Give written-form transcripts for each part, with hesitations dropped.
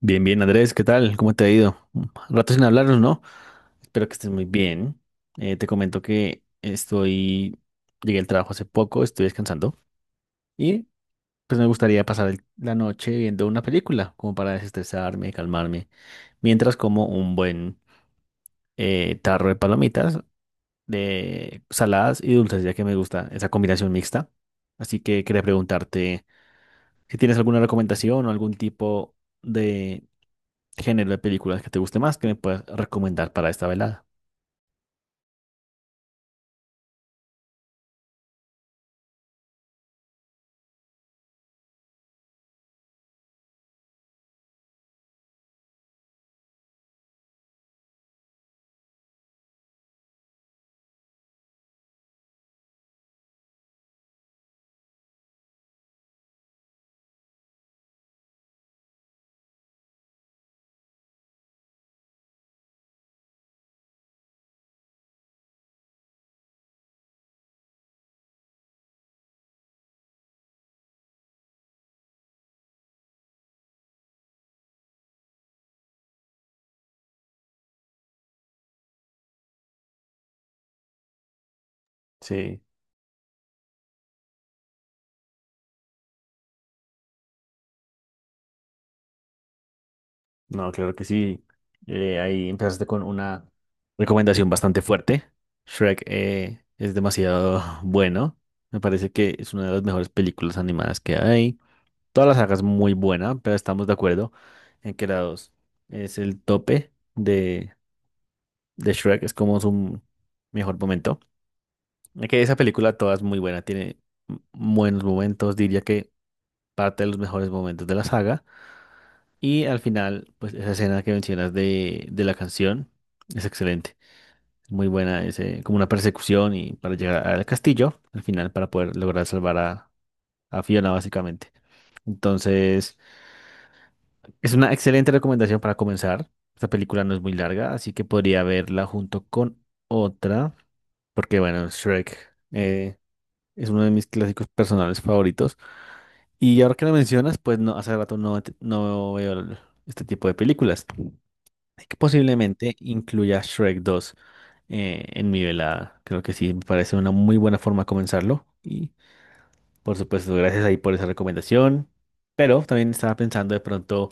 Bien, bien, Andrés, ¿qué tal? ¿Cómo te ha ido? Un rato sin hablarnos, ¿no? Espero que estés muy bien. Te comento que llegué al trabajo hace poco, estoy descansando y pues me gustaría pasar la noche viendo una película, como para desestresarme, calmarme, mientras como un buen tarro de palomitas, de saladas y dulces, ya que me gusta esa combinación mixta. Así que quería preguntarte si tienes alguna recomendación o algún tipo género de películas que te guste más que me puedas recomendar para esta velada. Sí, no, claro que sí. Ahí empezaste con una recomendación bastante fuerte. Shrek es demasiado bueno. Me parece que es una de las mejores películas animadas que hay. Todas las sagas muy buena, pero estamos de acuerdo en que la 2 es el tope de Shrek. Es como su mejor momento. Es que esa película toda es muy buena. Tiene buenos momentos. Diría que parte de los mejores momentos de la saga. Y al final, pues esa escena que mencionas de la canción es excelente. Es muy buena, ese como una persecución y para llegar al castillo, al final, para poder lograr salvar a Fiona, básicamente. Entonces, es una excelente recomendación para comenzar. Esta película no es muy larga, así que podría verla junto con otra, porque bueno, Shrek es uno de mis clásicos personales favoritos. Y ahora que lo mencionas, pues no, hace rato no, no veo este tipo de películas. Y que posiblemente incluya Shrek dos en mi velada. Creo que sí, me parece una muy buena forma de comenzarlo. Y por supuesto, gracias ahí por esa recomendación. Pero también estaba pensando de pronto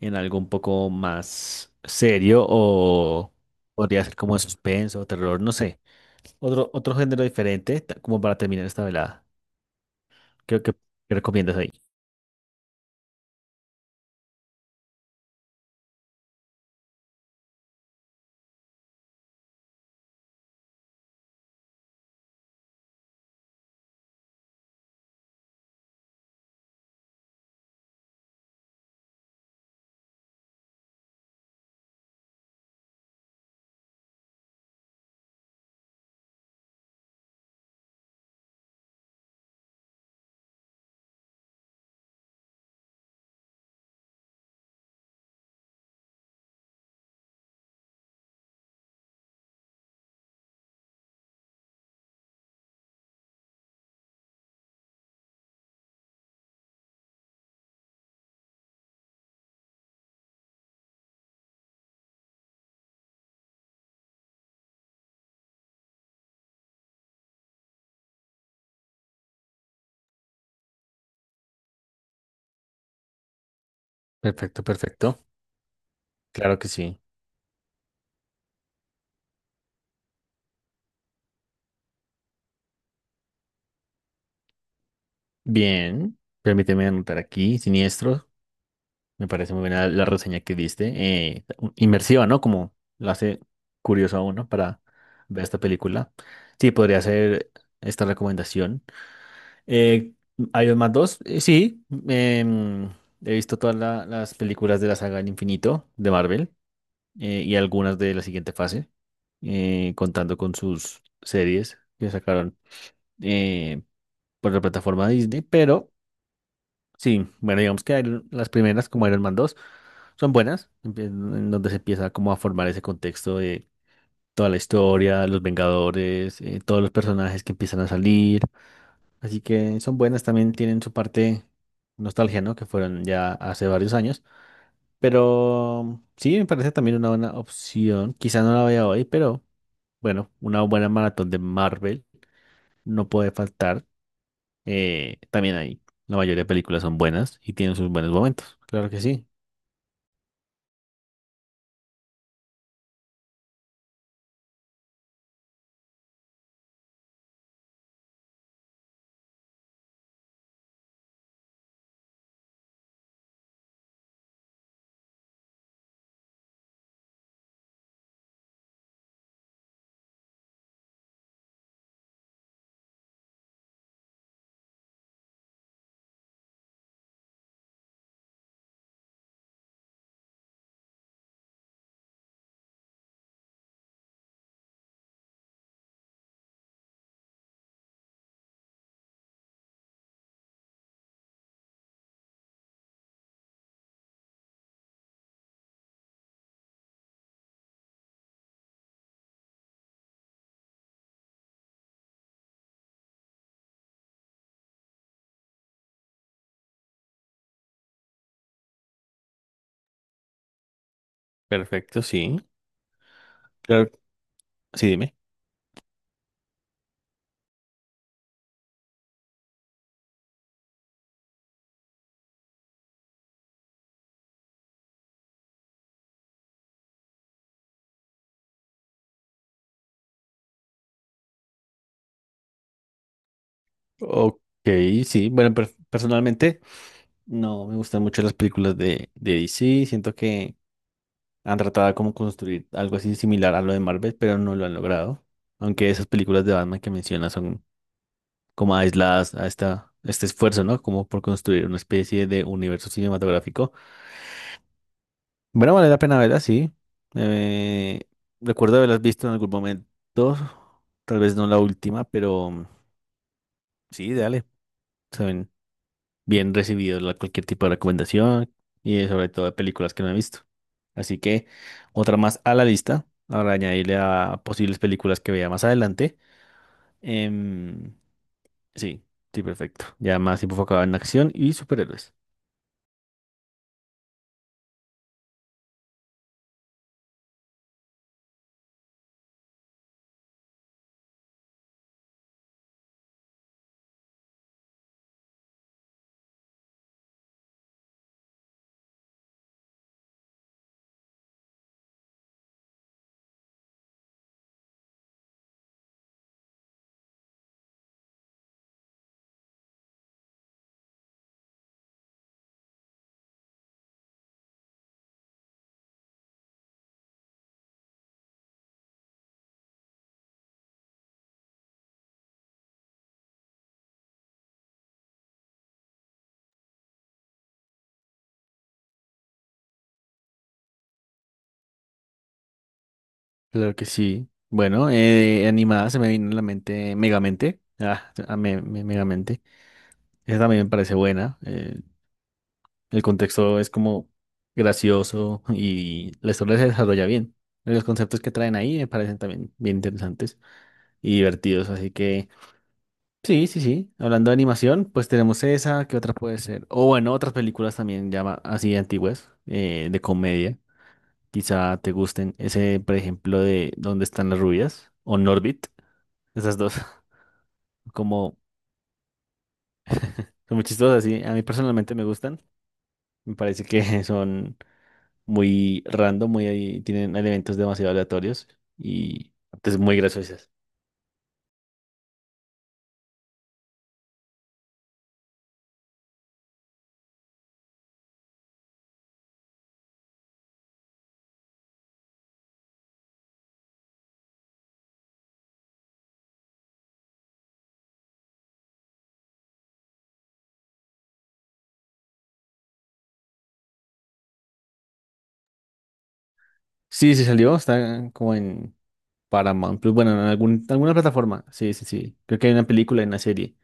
en algo un poco más serio o podría ser como de suspenso o terror, no sé. Otro género diferente como para terminar esta velada. Creo que ¿qué recomiendas ahí? Perfecto, perfecto. Claro que sí. Bien, permíteme anotar aquí, siniestro. Me parece muy buena la reseña que diste. Inmersiva, ¿no? Como la hace curioso a uno para ver esta película. Sí, podría ser esta recomendación. Eh, Iron Man 2, sí. He visto todas las películas de la saga del infinito de Marvel y algunas de la siguiente fase, contando con sus series que sacaron eh, por la plataforma Disney, pero... Sí, bueno, digamos que las primeras, como Iron Man dos son buenas, en donde se empieza como a formar ese contexto de toda la historia, los Vengadores, todos los personajes que empiezan a salir. Así que son buenas, también tienen su parte nostalgia, ¿no? Que fueron ya hace varios años. Pero sí, me parece también una buena opción. Quizá no la vea hoy, pero bueno, una buena maratón de Marvel no puede faltar. También ahí, la mayoría de películas son buenas y tienen sus buenos momentos. Claro que sí. Perfecto, sí. Claro, sí, dime. Ok, sí. Bueno, personalmente no me gustan mucho las películas de DC. Siento que han tratado de como construir algo así similar a lo de Marvel, pero no lo han logrado. Aunque esas películas de Batman que mencionas son como aisladas a este esfuerzo, ¿no? Como por construir una especie de universo cinematográfico. Bueno, vale la pena verlas, sí. Eh, Recuerdo haberlas visto en algún momento. Tal vez no la última, pero sí, dale. Saben. Bien recibido cualquier tipo de recomendación y sobre todo de películas que no he visto. Así que otra más a la lista, ahora añadirle a posibles películas que vea más adelante. Em, sí, sí, perfecto. Ya más enfocado en acción y superhéroes. Claro que sí. Bueno, animada se me vino a la mente Megamente. Ah, Megamente. Esa también me parece buena. El contexto es como gracioso y la historia se desarrolla bien. Los conceptos que traen ahí me parecen también bien interesantes y divertidos. Así que sí, sí, sí. Hablando de animación, pues tenemos esa, ¿qué otra puede ser? O bueno, otras películas también ya así antiguas, de comedia. Quizá te gusten. Ese, por ejemplo, de ¿dónde están las rubias? O Norbit. Esas dos, como son muy chistosas, sí. A mí personalmente me gustan. Me parece que son muy random, muy tienen elementos demasiado aleatorios y es muy graciosas. Sí, sí salió, está como en Paramount Plus, bueno, en alguna plataforma. Sí, sí, sí. Creo que hay una película y una serie,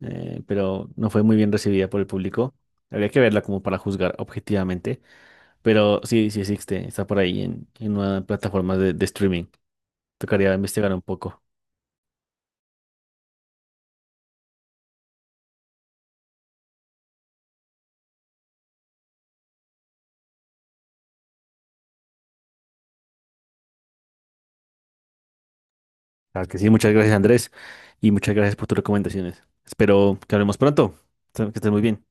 pero no fue muy bien recibida por el público. Habría que verla como para juzgar objetivamente, pero sí, sí existe, está por ahí en una plataforma de streaming. Tocaría investigar un poco. Claro que sí, muchas gracias Andrés y muchas gracias por tus recomendaciones. Espero que hablemos pronto. Que estés muy bien.